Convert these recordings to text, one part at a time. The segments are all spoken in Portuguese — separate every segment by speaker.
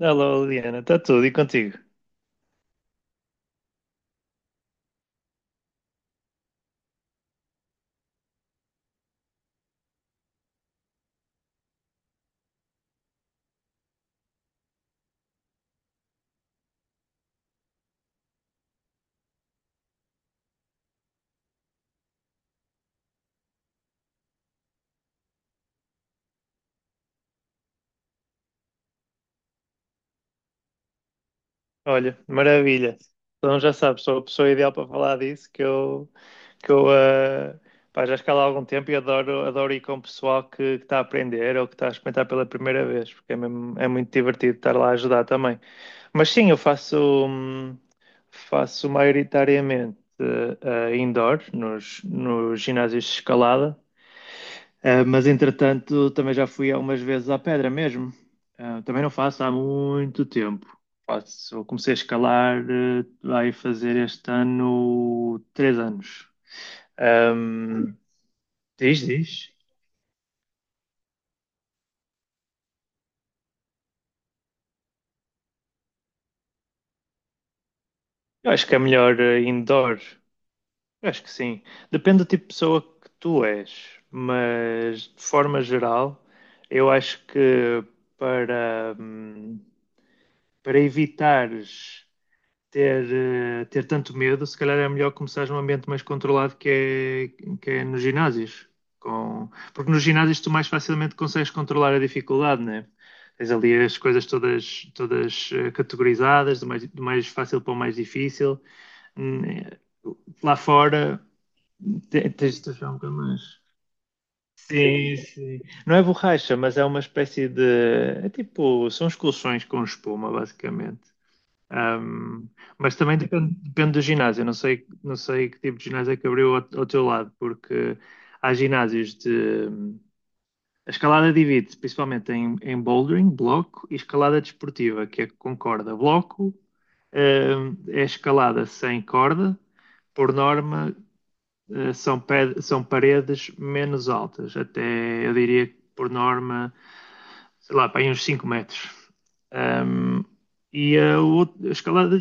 Speaker 1: Alô, Liliana, está tudo e contigo? Olha, maravilha. Então já sabes, sou a pessoa ideal para falar disso, que eu eh, pá, já escalo há algum tempo e adoro, adoro ir com o pessoal que está a aprender ou que está a experimentar pela primeira vez, porque é muito divertido estar lá a ajudar também. Mas sim, eu hum, faço maioritariamente indoor, nos ginásios de escalada. Ah, mas entretanto, também já fui algumas vezes à pedra mesmo. Ah, também não faço há muito tempo. Eu comecei a escalar, vai fazer este ano 3 anos. Ahm, diz, diz. Eu acho que é melhor indoor. Eu acho que sim. Depende do tipo de pessoa que tu és, mas de forma geral, eu acho que para, hum, para evitares ter, ter tanto medo, se calhar é melhor começar num ambiente mais controlado que é nos ginásios. Porque nos ginásios tu mais facilmente consegues controlar a dificuldade, né? Tens ali as coisas todas, categorizadas, do mais fácil para o mais difícil. Hum, eh, Lá fora tens de achar um bocado mais. Sim, sim. Não é borracha, mas é uma espécie de. É tipo. São os colchões com espuma, basicamente. Ahm, mas também depende do ginásio. Eu não sei, que tipo de ginásio é que abriu ao teu lado, porque há ginásios de. A escalada divide-se principalmente em bouldering, bloco, e escalada desportiva, que é com corda. Bloco, é escalada sem corda, por norma, são paredes menos altas, até eu diria que por norma, sei lá, para aí uns 5 metros. Ahm, e a, outra, a escalada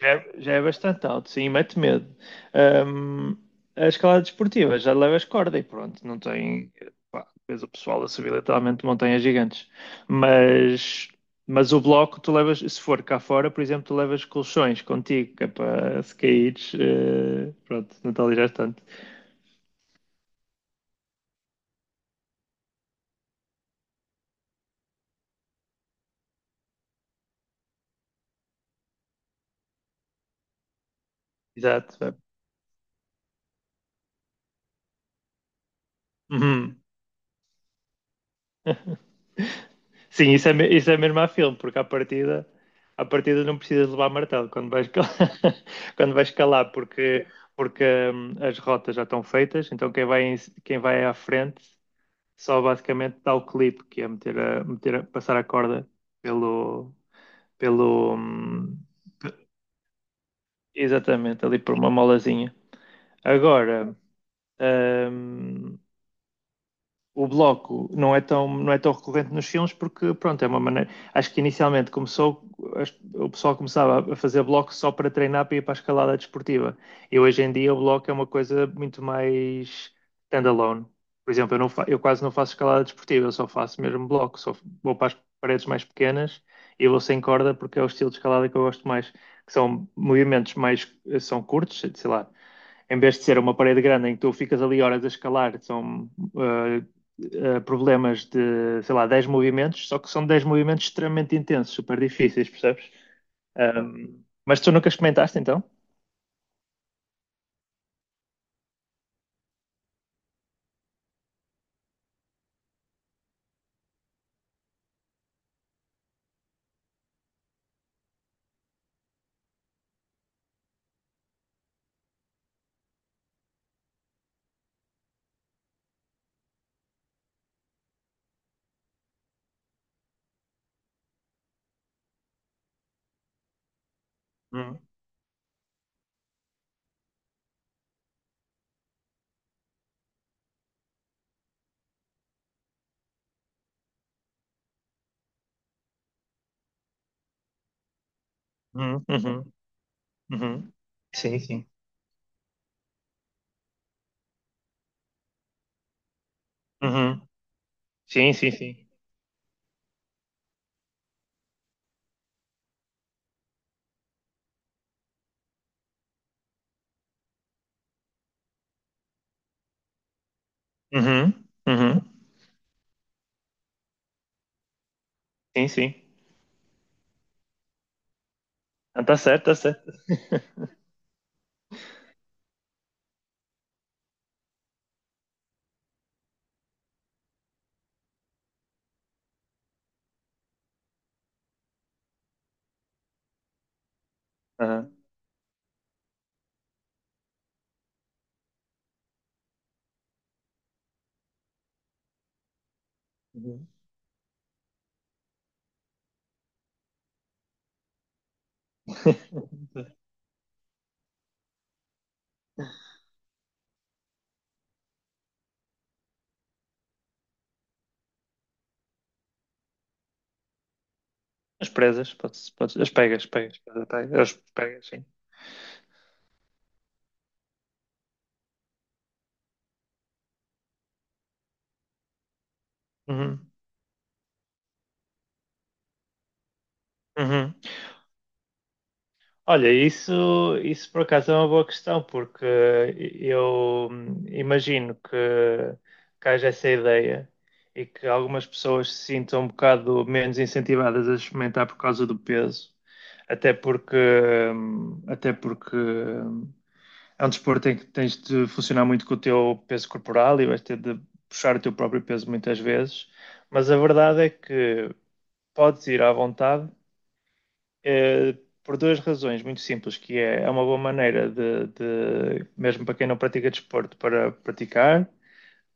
Speaker 1: já é bastante alto, sim, mete medo. Ahm, a escalada desportiva já levas corda e pronto, não tem. Pá, depois o pessoal a subir literalmente montanhas gigantes. Mas, mas o bloco, tu levas, se for cá fora, por exemplo, tu levas colchões contigo, que é para se caíres. Pronto, não te alijas tanto. Exato. É. Uhum. Sim, isso é mesmo a filme, porque à partida não precisas levar martelo quando vais calar, porque as rotas já estão feitas, então quem vai à frente só basicamente dá o clipe, que é passar a corda pelo, pelo, hum, pe- exatamente, ali por uma molazinha. Agora, hum, o bloco não é tão recorrente nos filmes, porque, pronto, é uma maneira, acho que inicialmente começou, o pessoal começava a fazer bloco só para treinar, para ir para a escalada desportiva, e hoje em dia o bloco é uma coisa muito mais standalone. Por exemplo, eu quase não faço escalada desportiva, eu só faço mesmo bloco, só vou para as paredes mais pequenas e vou sem corda, porque é o estilo de escalada que eu gosto mais, que são movimentos mais, são curtos, sei lá, em vez de ser uma parede grande em que tu ficas ali horas a escalar, são eh, problemas de, sei lá, 10 movimentos, só que são 10 movimentos extremamente intensos, super difíceis, percebes? Mas tu nunca experimentaste então? Uhum, uhum, uhum, uhum. Sim, sim. Uhum. Sim, sim, sim. Uhum, uhum. Sim, sim. Está certo, está certo. Aham. Uhum. As presas, podes, as pegas, pegas, pegas, pegas, as pegas, sim. Uhum, uhum. Olha, isso por acaso é uma boa questão, porque eu imagino que haja essa ideia e que algumas pessoas se sintam um bocado menos incentivadas a experimentar por causa do peso, até porque, até porque é um desporto em que tens de funcionar muito com o teu peso corporal e vais ter de puxar o teu próprio peso muitas vezes, mas a verdade é que podes ir à vontade, eh, por duas razões muito simples, que é, é uma boa maneira de, mesmo para quem não pratica desporto, para praticar,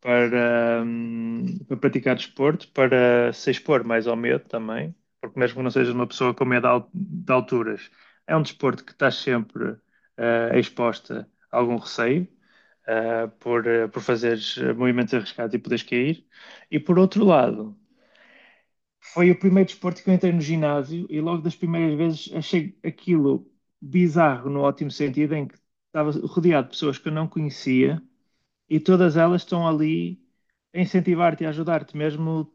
Speaker 1: para praticar desporto, para se expor mais ao medo também, porque mesmo que não sejas uma pessoa com medo de alturas, é um desporto que estás sempre exposta a algum receio, por fazeres movimentos arriscados e poderes cair. E, por outro lado, foi o primeiro desporto que eu entrei no ginásio e logo das primeiras vezes achei aquilo bizarro no ótimo sentido, em que estava rodeado de pessoas que eu não conhecia e todas elas estão ali a incentivar-te e a ajudar-te, mesmo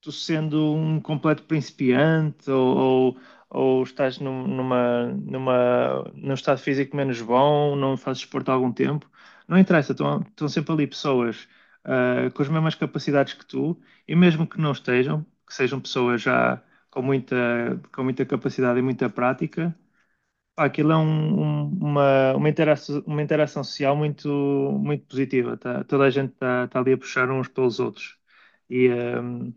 Speaker 1: tu sendo um completo principiante, ou, ou estás num estado físico menos bom, não fazes desporto há algum tempo, não interessa, estão sempre ali pessoas com as mesmas capacidades que tu, e mesmo que não estejam, que sejam pessoas já com muita, com muita capacidade e muita prática, pá, aquilo é uma interação social muito, muito positiva. Tá? Toda a gente está ali a puxar uns pelos outros. E, hum,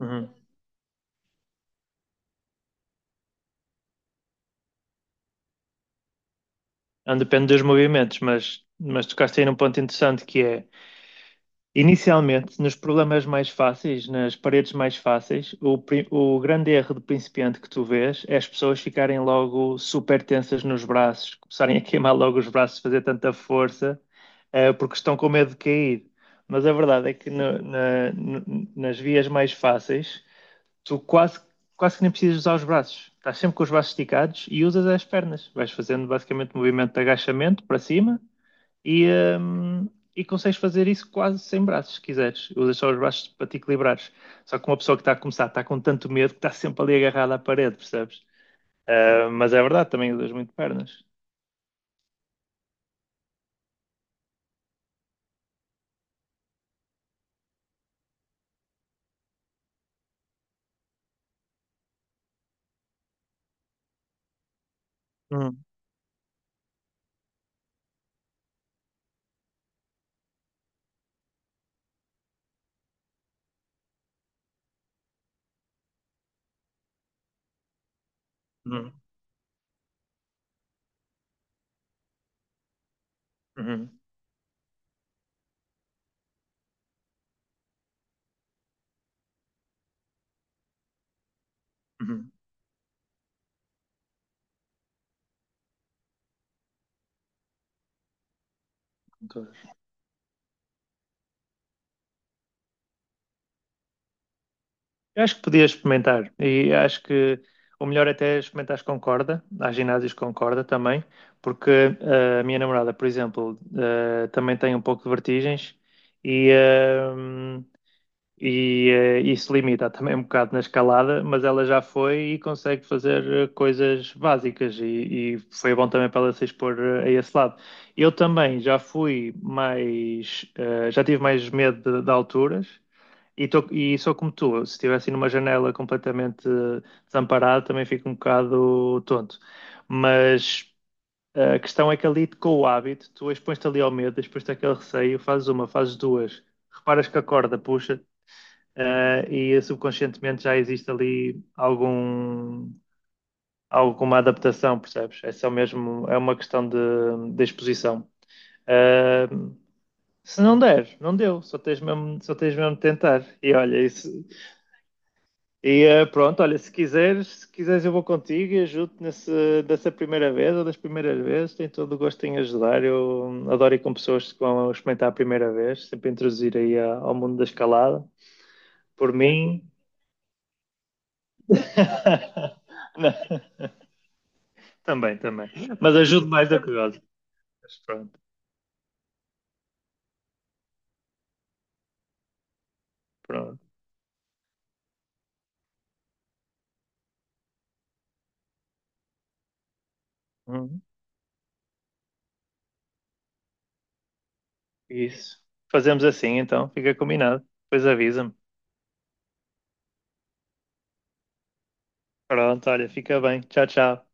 Speaker 1: uhum. Não depende dos movimentos, mas tocaste aí num ponto interessante, que é, inicialmente, nos problemas mais fáceis, nas paredes mais fáceis, o grande erro do principiante que tu vês é as pessoas ficarem logo super tensas nos braços, começarem a queimar logo os braços, fazer tanta força, porque estão com medo de cair. Mas a verdade é que nas vias mais fáceis tu quase, quase que nem precisas usar os braços. Estás sempre com os braços esticados e usas as pernas. Vais fazendo basicamente movimento de agachamento para cima e, hum, e consegues fazer isso quase sem braços, se quiseres. Usas só os braços para te equilibrares. Só que uma pessoa que está a começar está com tanto medo que está sempre ali agarrada à parede, percebes? Ah, mas é verdade, também usas muito pernas. Hum, hum, hum, hum. Concordo. Eu acho que podias experimentar e acho que o melhor até é experimentares com corda, há ginásios com corda também, porque, a minha namorada, por exemplo, também tem um pouco de vertigens, e, eh, e isso limita também um bocado na escalada, mas ela já foi e consegue fazer coisas básicas, e foi bom também para ela se expor, a esse lado. Eu também já fui mais, já tive mais medo de alturas. E sou como tu, se estivesse numa janela completamente desamparado, também fico um bocado tonto. Mas a questão é que ali com o hábito, tu expões-te ali ao medo, expões-te àquele receio, fazes uma, fazes duas, reparas que a corda puxa, e subconscientemente já existe ali algum, alguma adaptação, percebes? É só mesmo, é uma questão de exposição. Eh, se não der, não deu, só tens mesmo de tentar. E pronto, olha, se quiseres eu vou contigo e ajudo-te dessa primeira vez ou das primeiras vezes, tenho todo o gosto em ajudar. Eu adoro ir com pessoas que vão experimentar a primeira vez, sempre introduzir aí ao mundo da escalada. Por mim, não, também, também. Mas ajudo mais do que gosto. Mas pronto, pronto. Uhum. Isso. Fazemos assim então, fica combinado. Depois avisa-me. Pronto, olha, fica bem. Tchau, tchau.